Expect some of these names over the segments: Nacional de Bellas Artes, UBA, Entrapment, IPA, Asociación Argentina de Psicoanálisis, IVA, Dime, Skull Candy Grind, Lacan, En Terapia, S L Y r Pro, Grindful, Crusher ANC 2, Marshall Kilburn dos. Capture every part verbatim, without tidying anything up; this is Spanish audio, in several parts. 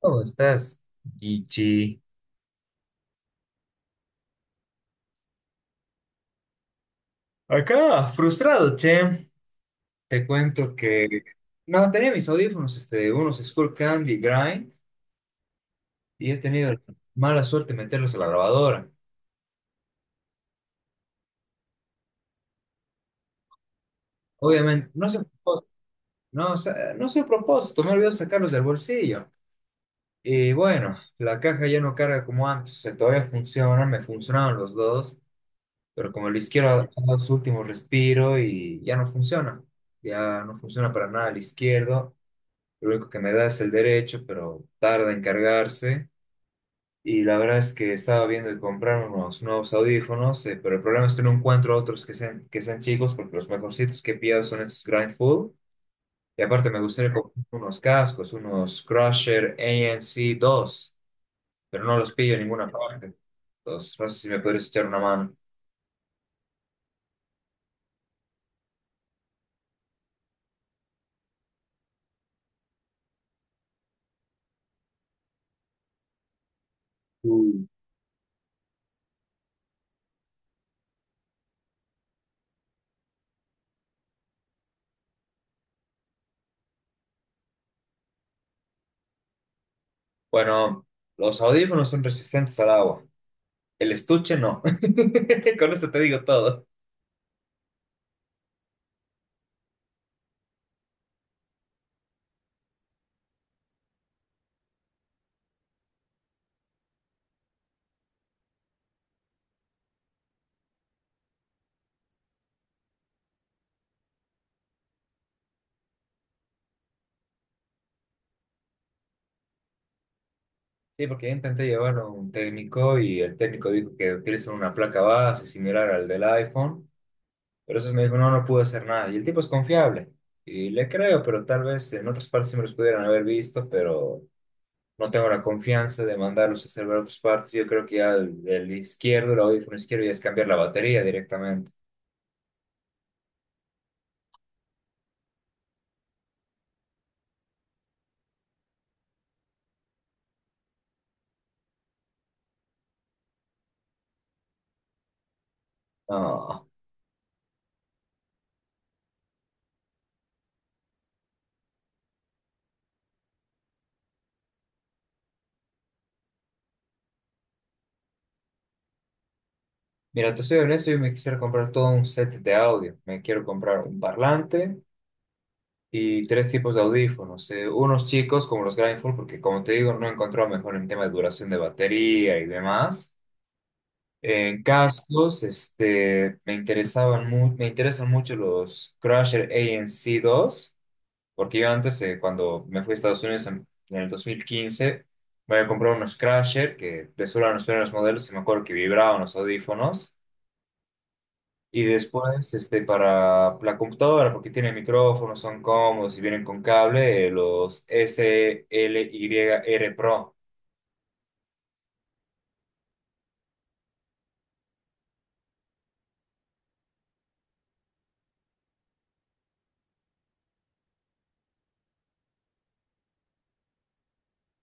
¿Cómo estás? Gigi. Acá, frustrado, che. Te cuento que... No, tenía mis audífonos, este, unos Skull Candy Grind, y he tenido la mala suerte de meterlos a la grabadora. Obviamente, no sé, no, sé- no sé a propósito, me olvidé sacarlos del bolsillo. Y bueno, la caja ya no carga como antes, o sea, todavía funciona, me funcionaban los dos, pero como el izquierdo ha dado su último respiro y ya no funciona. Ya no funciona para nada el izquierdo. Lo único que me da es el derecho, pero tarda en cargarse. Y la verdad es que estaba viendo de comprar unos nuevos audífonos, eh, pero el problema es que no encuentro otros que sean, que sean chicos, porque los mejorcitos que he pillado son estos Grindful. Y aparte me gustaría comprar unos cascos, unos Crusher A N C dos, pero no los pillo en ninguna parte. Entonces, no sé si me podrías echar una mano. Mm. Bueno, los audífonos son resistentes al agua. El estuche no. Con eso te digo todo. Sí, porque yo intenté llevarlo a un técnico y el técnico dijo que utilizan una placa base similar al del iPhone, pero eso me dijo, no, no pude hacer nada. Y el tipo es confiable y le creo, pero tal vez en otras partes sí me los pudieran haber visto, pero no tengo la confianza de mandarlos a hacer ver otras partes. Yo creo que ya el, el izquierdo, el audífono izquierdo, ya es cambiar la batería directamente. No, mira, te soy honesto, yo me quisiera comprar todo un set de audio. Me quiero comprar un parlante y tres tipos de audífonos. eh, unos chicos como los Grindful, porque como te digo, no encontraba mejor en tema de duración de batería y demás. En cascos, este, me interesaban mu- me interesan mucho los Crusher A N C dos, porque yo antes, eh, cuando me fui a Estados Unidos en, en el dos mil quince, me había comprado unos Crusher, que de solo eran los primeros modelos, y me acuerdo que vibraban los audífonos. Y después, este, para la computadora, porque tiene micrófonos, son cómodos y vienen con cable, eh, los S L Y r Pro.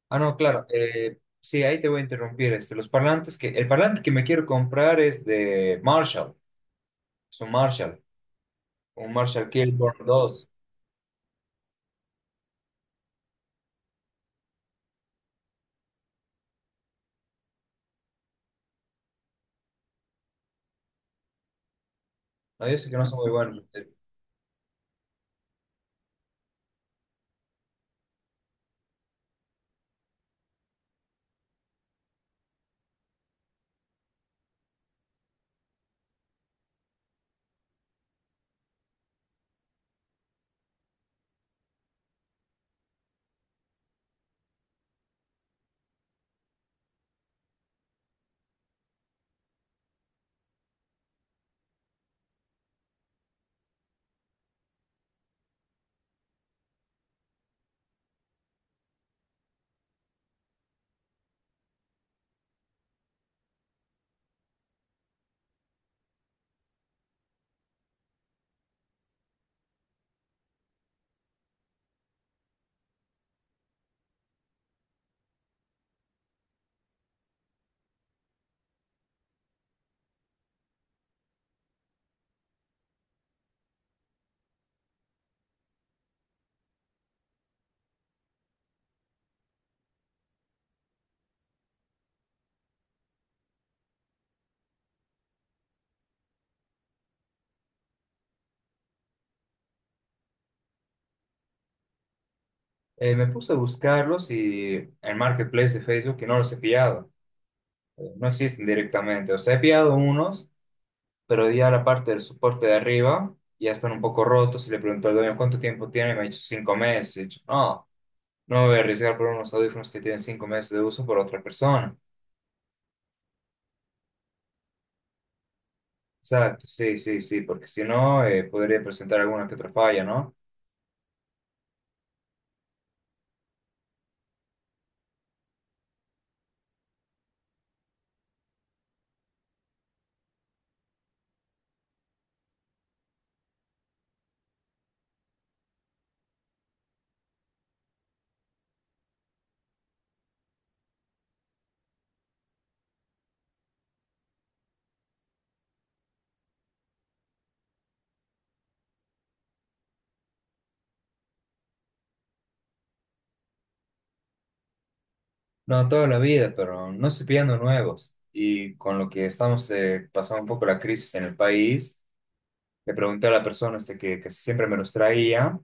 Ah, no, claro. eh, sí, ahí te voy a interrumpir. Este, los parlantes que, el parlante que me quiero comprar es de Marshall. Es un Marshall, un Marshall Kilburn dos. No, yo sé que no son muy buenos. Eh, eh, me puse a buscarlos y en Marketplace de Facebook que no los he pillado. Eh, no existen directamente. O sea, he pillado unos pero ya la parte del soporte de arriba ya están un poco rotos y le pregunté al dueño cuánto tiempo tiene y me ha dicho cinco meses. Y he dicho, no, no me voy a arriesgar por unos audífonos que tienen cinco meses de uso por otra persona. Exacto, sí, sí, sí, porque si no, eh, podría presentar alguna que otra falla, ¿no? No, toda la vida, pero no estoy pidiendo nuevos. Y con lo que estamos eh, pasando un poco la crisis en el país, le pregunté a la persona este, que, que siempre me los traía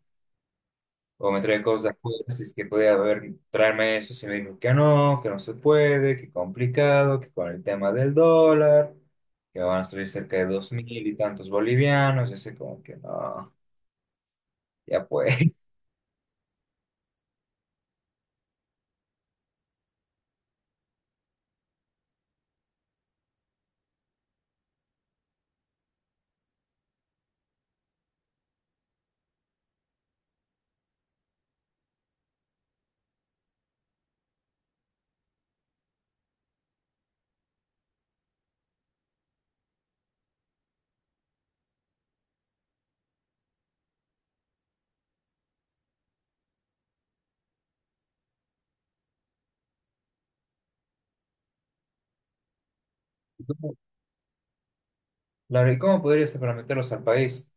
o me trae cosas de afuera, si es que podía haber, traerme eso, si me dijo que no, que no se puede, que complicado, que con el tema del dólar, que van a salir cerca de dos mil y tantos bolivianos, y así como que no, ya pues. Claro, ¿y cómo podrías hacer para meterlos al país?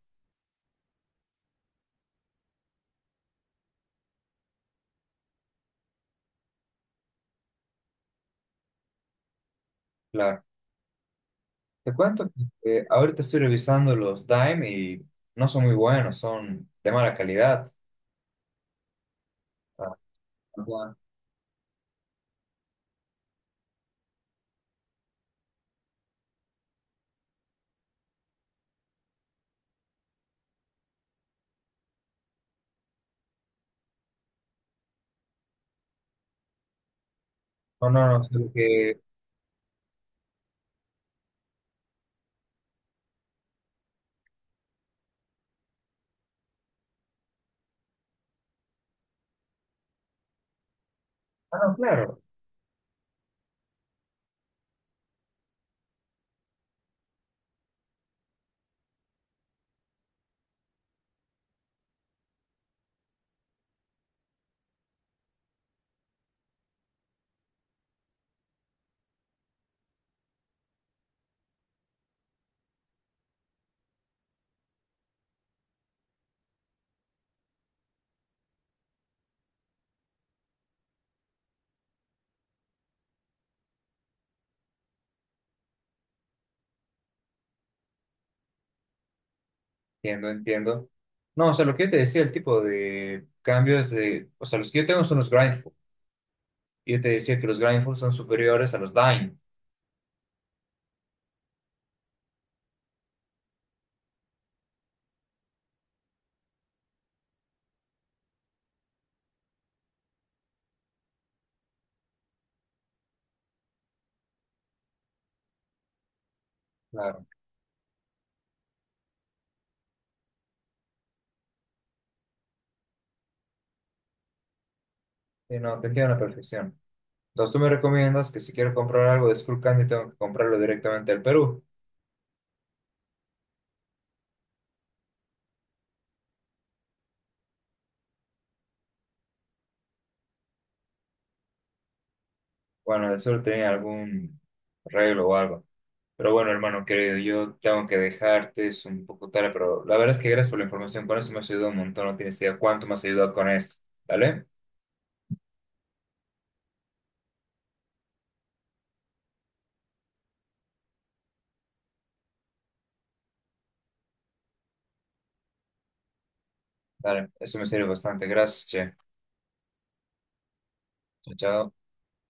Claro, te cuento que eh, ahorita estoy revisando los Dime y no son muy buenos, son de mala calidad. Ah, ajá. No, no, no, solo que... Ah, no, claro. Entiendo, entiendo. No, o sea, lo que yo te decía, el tipo de cambios de, o sea, los que yo tengo son los grindful. Y yo te decía que los grindful son superiores a los dine. Claro. Sí, no, te entiendo a la perfección. Entonces, tú me recomiendas que si quiero comprar algo de Skullcandy, tengo que comprarlo directamente al Perú. Bueno, de seguro tenía algún arreglo o algo. Pero bueno, hermano querido, yo tengo que dejarte, es un poco tarde, pero la verdad es que gracias por la información. Con eso me has ayudado un montón, no tienes idea cuánto me has ayudado con esto. ¿Vale? Dale, eso me sirve bastante. Gracias, che. Chao, chao.